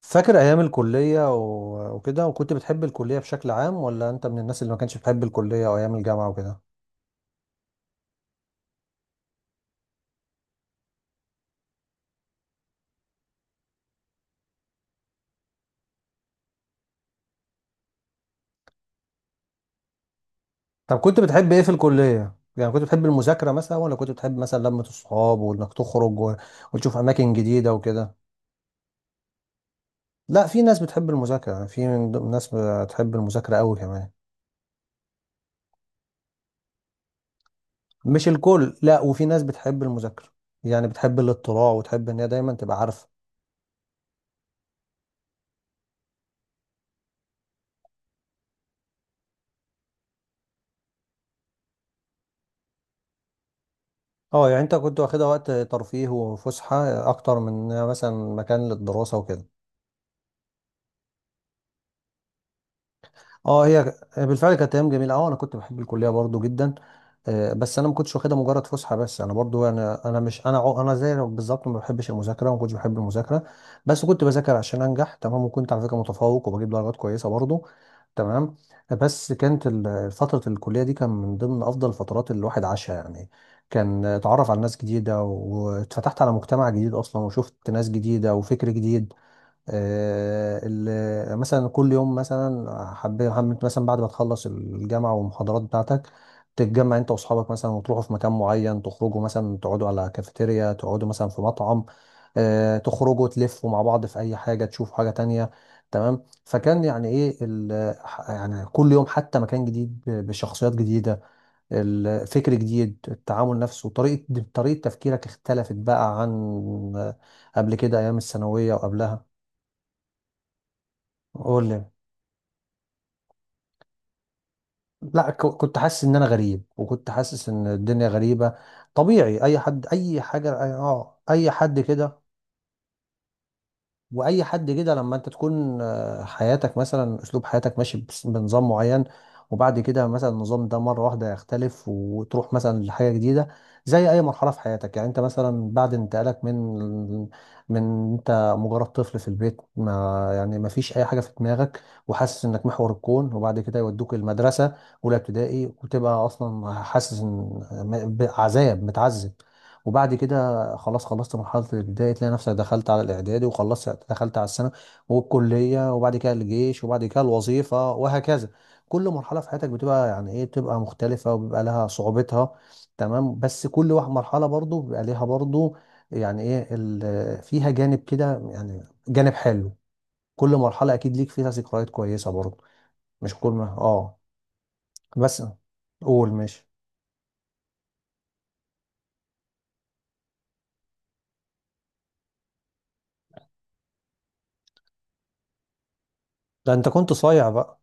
فاكر ايام الكليه و- وكده، وكنت بتحب الكليه بشكل عام، ولا انت من الناس اللي ما كانتش بتحب الكليه او ايام الجامعه وكده؟ طب كنت بتحب ايه في الكليه؟ يعني كنت بتحب المذاكره مثلا، ولا كنت بتحب مثلا لمه الصحاب وانك تخرج و- وتشوف اماكن جديده وكده؟ لا، في ناس بتحب المذاكره. يعني في ناس بتحب المذاكره قوي كمان. مش الكل، لا، وفي ناس بتحب المذاكره. يعني بتحب الاطلاع وتحب ان هي دايما تبقى عارفه. اه يعني انت كنت واخدها وقت ترفيه وفسحه اكتر من مثلا مكان للدراسه وكده. اه هي بالفعل كانت ايام جميله. اه انا كنت بحب الكليه برضو جدا. بس انا ما كنتش واخدها مجرد فسحه بس. انا برضو، انا مش انا، انا زي بالظبط ما بحبش المذاكره وما كنتش بحب المذاكره. بس كنت بذاكر عشان انجح. تمام؟ وكنت على فكره متفوق وبجيب درجات كويسه برضو. تمام. بس كانت فتره الكليه دي كان من ضمن افضل الفترات اللي الواحد عاشها يعني. كان اتعرف على ناس جديده، واتفتحت على مجتمع جديد اصلا، وشفت ناس جديده وفكر جديد. مثلا كل يوم مثلا، حبيت مثلا بعد ما تخلص الجامعة والمحاضرات بتاعتك تتجمع انت واصحابك مثلا وتروحوا في مكان معين، تخرجوا مثلا، تقعدوا على كافيتيريا، تقعدوا مثلا في مطعم. تخرجوا تلفوا مع بعض في اي حاجة، تشوفوا حاجة تانية. تمام. فكان يعني ايه يعني كل يوم حتى مكان جديد ب- بشخصيات جديدة، الفكر جديد، التعامل نفسه، طريقة تفكيرك اختلفت بقى عن آه، قبل كده ايام الثانوية وقبلها. قول لي. لا، كنت حاسس ان انا غريب، وكنت حاسس ان الدنيا غريبه. طبيعي اي حد، اي حاجه، اي حد كده. واي حد كده لما انت تكون، آه، حياتك مثلا اسلوب حياتك ماشي بنظام معين، وبعد كده مثلا النظام ده مره واحده يختلف وتروح مثلا لحاجه جديده. زي اي مرحله في حياتك يعني. انت مثلا بعد انتقالك من، انت مجرد طفل في البيت، ما يعني ما فيش اي حاجه في دماغك وحاسس انك محور الكون، وبعد كده يودوك المدرسه، اولى ابتدائي، وتبقى اصلا حاسس ان، بعذاب متعذب. وبعد كده خلاص خلصت مرحلة الابتدائي، تلاقي نفسك دخلت على الإعدادي، وخلصت دخلت على الثانوي والكلية، وبعد كده الجيش، وبعد كده الوظيفة، وهكذا. كل مرحلة في حياتك بتبقى يعني إيه، بتبقى مختلفة وبيبقى لها صعوبتها. تمام. بس كل واحد مرحلة برضو بيبقى ليها برضو يعني إيه، فيها جانب كده يعني، جانب حلو. كل مرحلة أكيد ليك فيها ذكريات كويسة برضو. مش كل ما آه، بس. قول ماشي. ده أنت كنت صايع بقى.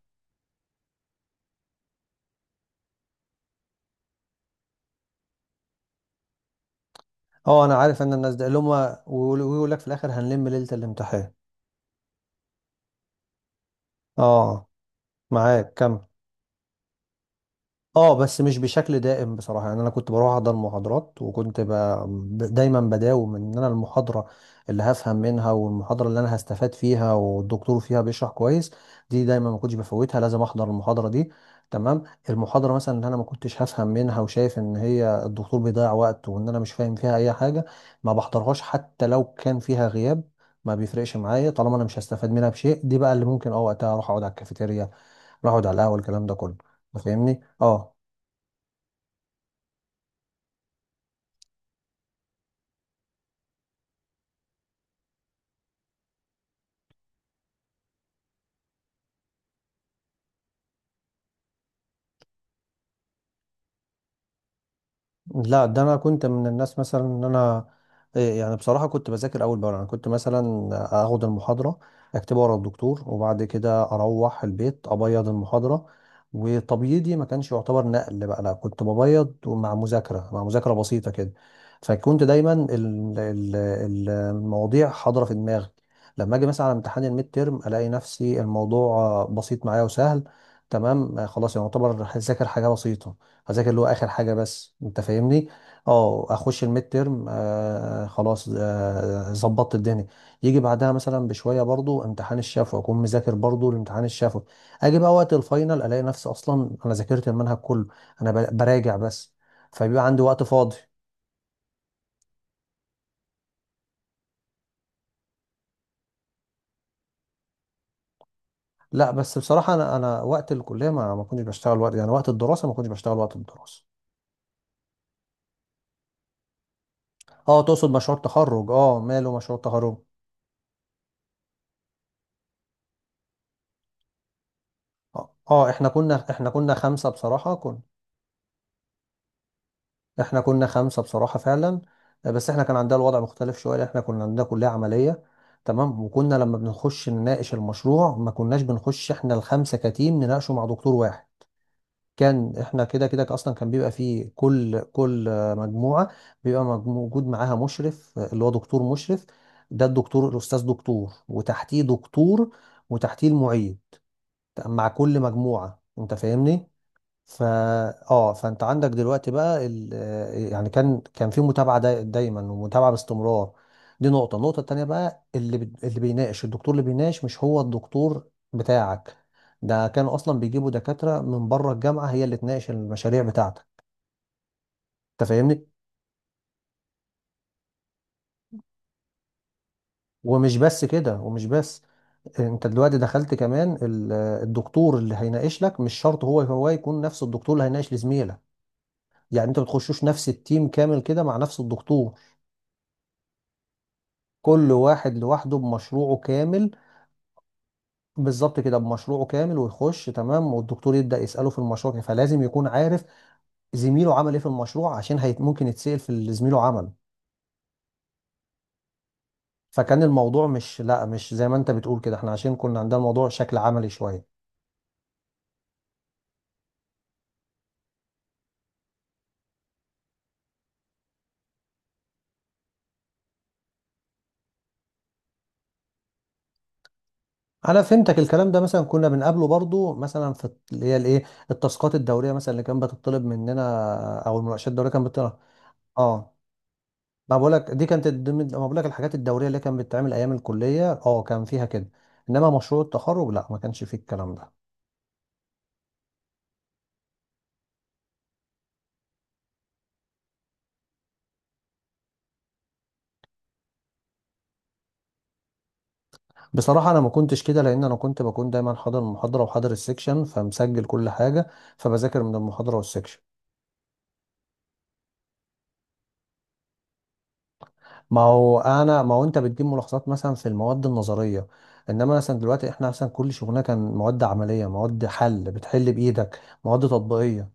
اه انا عارف ان الناس ده اللي هم، ويقول لك في الاخر هنلم ليلة الامتحان. اه. معاك كمل. اه بس مش بشكل دائم بصراحة. يعني انا كنت بروح احضر محاضرات، وكنت ب... دايما بداوم ان انا المحاضرة اللي هفهم منها، والمحاضرة اللي انا هستفاد فيها والدكتور فيها بيشرح كويس، دي دايما ما كنتش بفوتها، لازم احضر المحاضرة دي. تمام. المحاضرة مثلا اللي انا ما كنتش هفهم منها، وشايف ان هي الدكتور بيضيع وقت وان انا مش فاهم فيها اي حاجة، ما بحضرهاش حتى لو كان فيها غياب. ما بيفرقش معايا طالما انا مش هستفاد منها بشيء. دي بقى اللي ممكن اه وقتها اروح اقعد على الكافيتيريا، اروح اقعد على القهوة، الكلام ده كله. فاهمني؟ اه. لا ده انا كنت من الناس مثلا ان انا إيه، يعني بصراحه كنت بذاكر اول باول. انا كنت مثلا اخد المحاضره، اكتبها ورا الدكتور، وبعد كده اروح البيت ابيض المحاضره. وتبييضي ما كانش يعتبر نقل بقى، لا كنت ببيض مع مذاكره، مع مذاكره بسيطه كده. فكنت دايما المواضيع حاضره في دماغي. لما اجي مثلا على امتحان الميد تيرم، الاقي نفسي الموضوع، آه، بسيط معايا وسهل. تمام. آه، خلاص، يعني يعتبر ذاكر حاجه بسيطه، هذاكر اللي هو اخر حاجه بس. انت فاهمني؟ اه اخش الميد تيرم، آه خلاص، آه، ظبطت الدنيا. يجي بعدها مثلا بشويه برضو امتحان الشفوي، اكون مذاكر برضو الامتحان الشفوي. اجي بقى وقت الفاينل الاقي نفسي اصلا انا ذاكرت المنهج كله، انا براجع بس. فبيبقى عندي وقت فاضي. لا بس بصراحه انا، انا وقت الكليه ما كنتش بشتغل وقت يعني، وقت الدراسه ما كنتش بشتغل وقت الدراسه. اه تقصد مشروع التخرج؟ اه ماله مشروع التخرج. اه آه، احنا كنا، احنا كنا خمسه بصراحه كنا. احنا كنا خمسة بصراحة فعلا. آه، بس احنا كان عندنا الوضع مختلف شوية لأن احنا كنا عندنا كلية عملية. تمام. وكنا لما بنخش نناقش المشروع، ما كناش بنخش احنا الخمسة كتيم نناقشه مع دكتور واحد. كان احنا كده كده اصلا كان بيبقى فيه كل آه، مجموعة، بيبقى موجود معاها مشرف، آه، اللي هو دكتور مشرف. ده الدكتور الأستاذ دكتور، وتحتيه دكتور، وتحتيه المعيد، مع كل مجموعة. انت فاهمني؟ فا، اه، فانت عندك دلوقتي بقى ال... آه، يعني كان في متابعه، دايما ومتابعه باستمرار. دي نقطه. النقطه التانيه بقى اللي اللي بيناقش، الدكتور اللي بيناقش مش هو الدكتور بتاعك. ده كانوا اصلا بيجيبوا دكاتره من بره الجامعه هي اللي تناقش المشاريع بتاعتك. انت فاهمني؟ ومش بس كده، ومش بس، انت دلوقتي دخلت كمان الدكتور اللي هيناقش لك مش شرط هو هو يكون نفس الدكتور اللي هيناقش لزميلك. يعني انت بتخشوش نفس التيم كامل كده مع نفس الدكتور. كل واحد لوحده بمشروعه كامل. بالظبط كده، بمشروعه كامل، ويخش تمام، والدكتور يبدأ يسأله في المشروع، فلازم يكون عارف زميله عمل ايه في المشروع، عشان هي ممكن يتسأل في اللي زميله عمل. فكان الموضوع مش، لا مش زي ما انت بتقول كده. احنا عشان كنا عندنا الموضوع شكل عملي شوية. انا فهمتك. الكلام ده مثلا كنا بنقابله برضو مثلا في اللي هي الايه، التاسكات الدورية مثلا اللي كانت بتطلب مننا، او المناقشات الدورية كانت بتطلب. اه ما بقولك دي كانت ضمن، ما بقولك الحاجات الدورية اللي كانت بتتعمل أيام الكلية، اه كان فيها كده. إنما مشروع التخرج لا، ما كانش فيه الكلام ده. بصراحة أنا ما كنتش كده، لأن أنا كنت بكون دايما حاضر المحاضرة وحاضر السكشن، فمسجل كل حاجة. فبذاكر من المحاضرة والسكشن. ما هو أنا، ما هو أنت بتجيب ملاحظات مثلا في المواد النظرية. إنما مثلا دلوقتي إحنا مثلا كل شغلنا كان مواد عملية، مواد حل، بتحل بإيدك، مواد تطبيقية.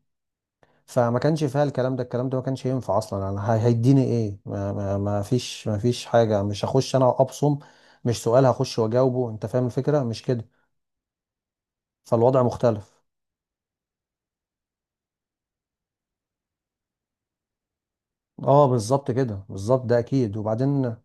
فما كانش فيها الكلام ده. الكلام ده ما كانش ينفع اصلا، انا هيديني ايه، ما فيش، ما فيش حاجه. مش هخش انا ابصم. مش سؤال هخش واجاوبه. انت فاهم الفكره مش كده؟ فالوضع مختلف. اه بالظبط كده، بالظبط ده اكيد. وبعدين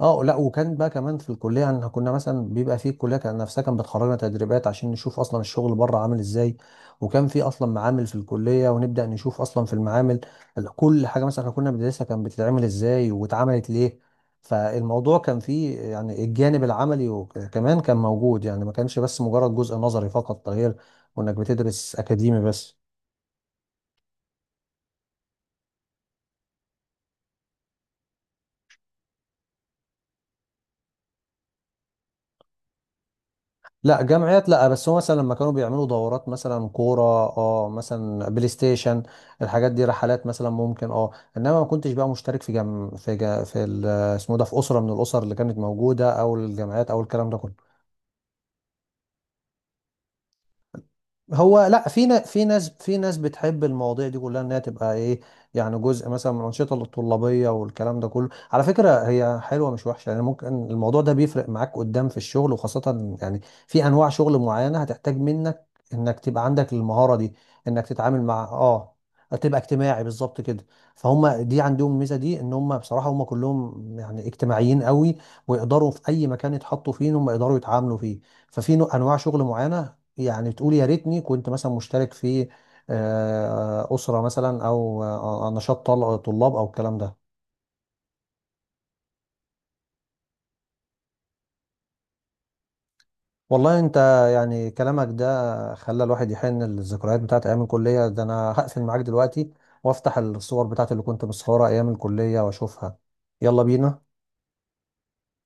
اه لا، وكان بقى كمان في الكليه يعني، كنا مثلا بيبقى في الكليه كان، نفسها كانت بتخرجنا تدريبات عشان نشوف اصلا الشغل بره عامل ازاي. وكان في اصلا معامل في الكليه، ونبدا نشوف اصلا في المعامل كل حاجه مثلا احنا كنا بندرسها كانت بتتعمل ازاي، واتعملت ليه. فالموضوع كان فيه يعني الجانب العملي، وك- كمان كان موجود يعني. ما كانش بس مجرد جزء نظري فقط، غير وانك بتدرس اكاديمي بس. لا جمعيات لا، بس هو مثلا لما كانوا بيعملوا دورات مثلا كورة، اه مثلا بلاي ستيشن، الحاجات دي، رحلات مثلا ممكن، اه. انما ما كنتش بقى مشترك في جم في جا في ال- اسمه إيه ده، في أسرة من الأسر اللي كانت موجودة، او الجمعيات، او الكلام ده كله. هو لا في ناس في ناس بتحب المواضيع دي كلها انها تبقى ايه، يعني جزء مثلا من الانشطه الطلابيه والكلام ده كله. على فكره هي حلوه مش وحشه يعني. ممكن الموضوع ده بيفرق معاك قدام في الشغل، وخاصه يعني في انواع شغل معينه هتحتاج منك انك تبقى عندك المهاره دي، انك تتعامل مع اه تبقى اجتماعي، بالظبط كده. فهم دي عندهم الميزه دي ان هم بصراحه هم كلهم يعني اجتماعيين قوي، ويقدروا في اي مكان يتحطوا فيه ان هم يقدروا يتعاملوا فيه. ففي انواع شغل معينه، يعني بتقول يا ريتني كنت مثلا مشترك في آه، أسرة مثلا، أو آه، نشاط طلاب، أو الكلام ده. والله أنت، يعني كلامك ده خلى الواحد يحن للذكريات بتاعت أيام الكلية. ده أنا هقفل معاك دلوقتي وأفتح الصور بتاعت اللي كنت مصورها أيام الكلية وأشوفها. يلا بينا.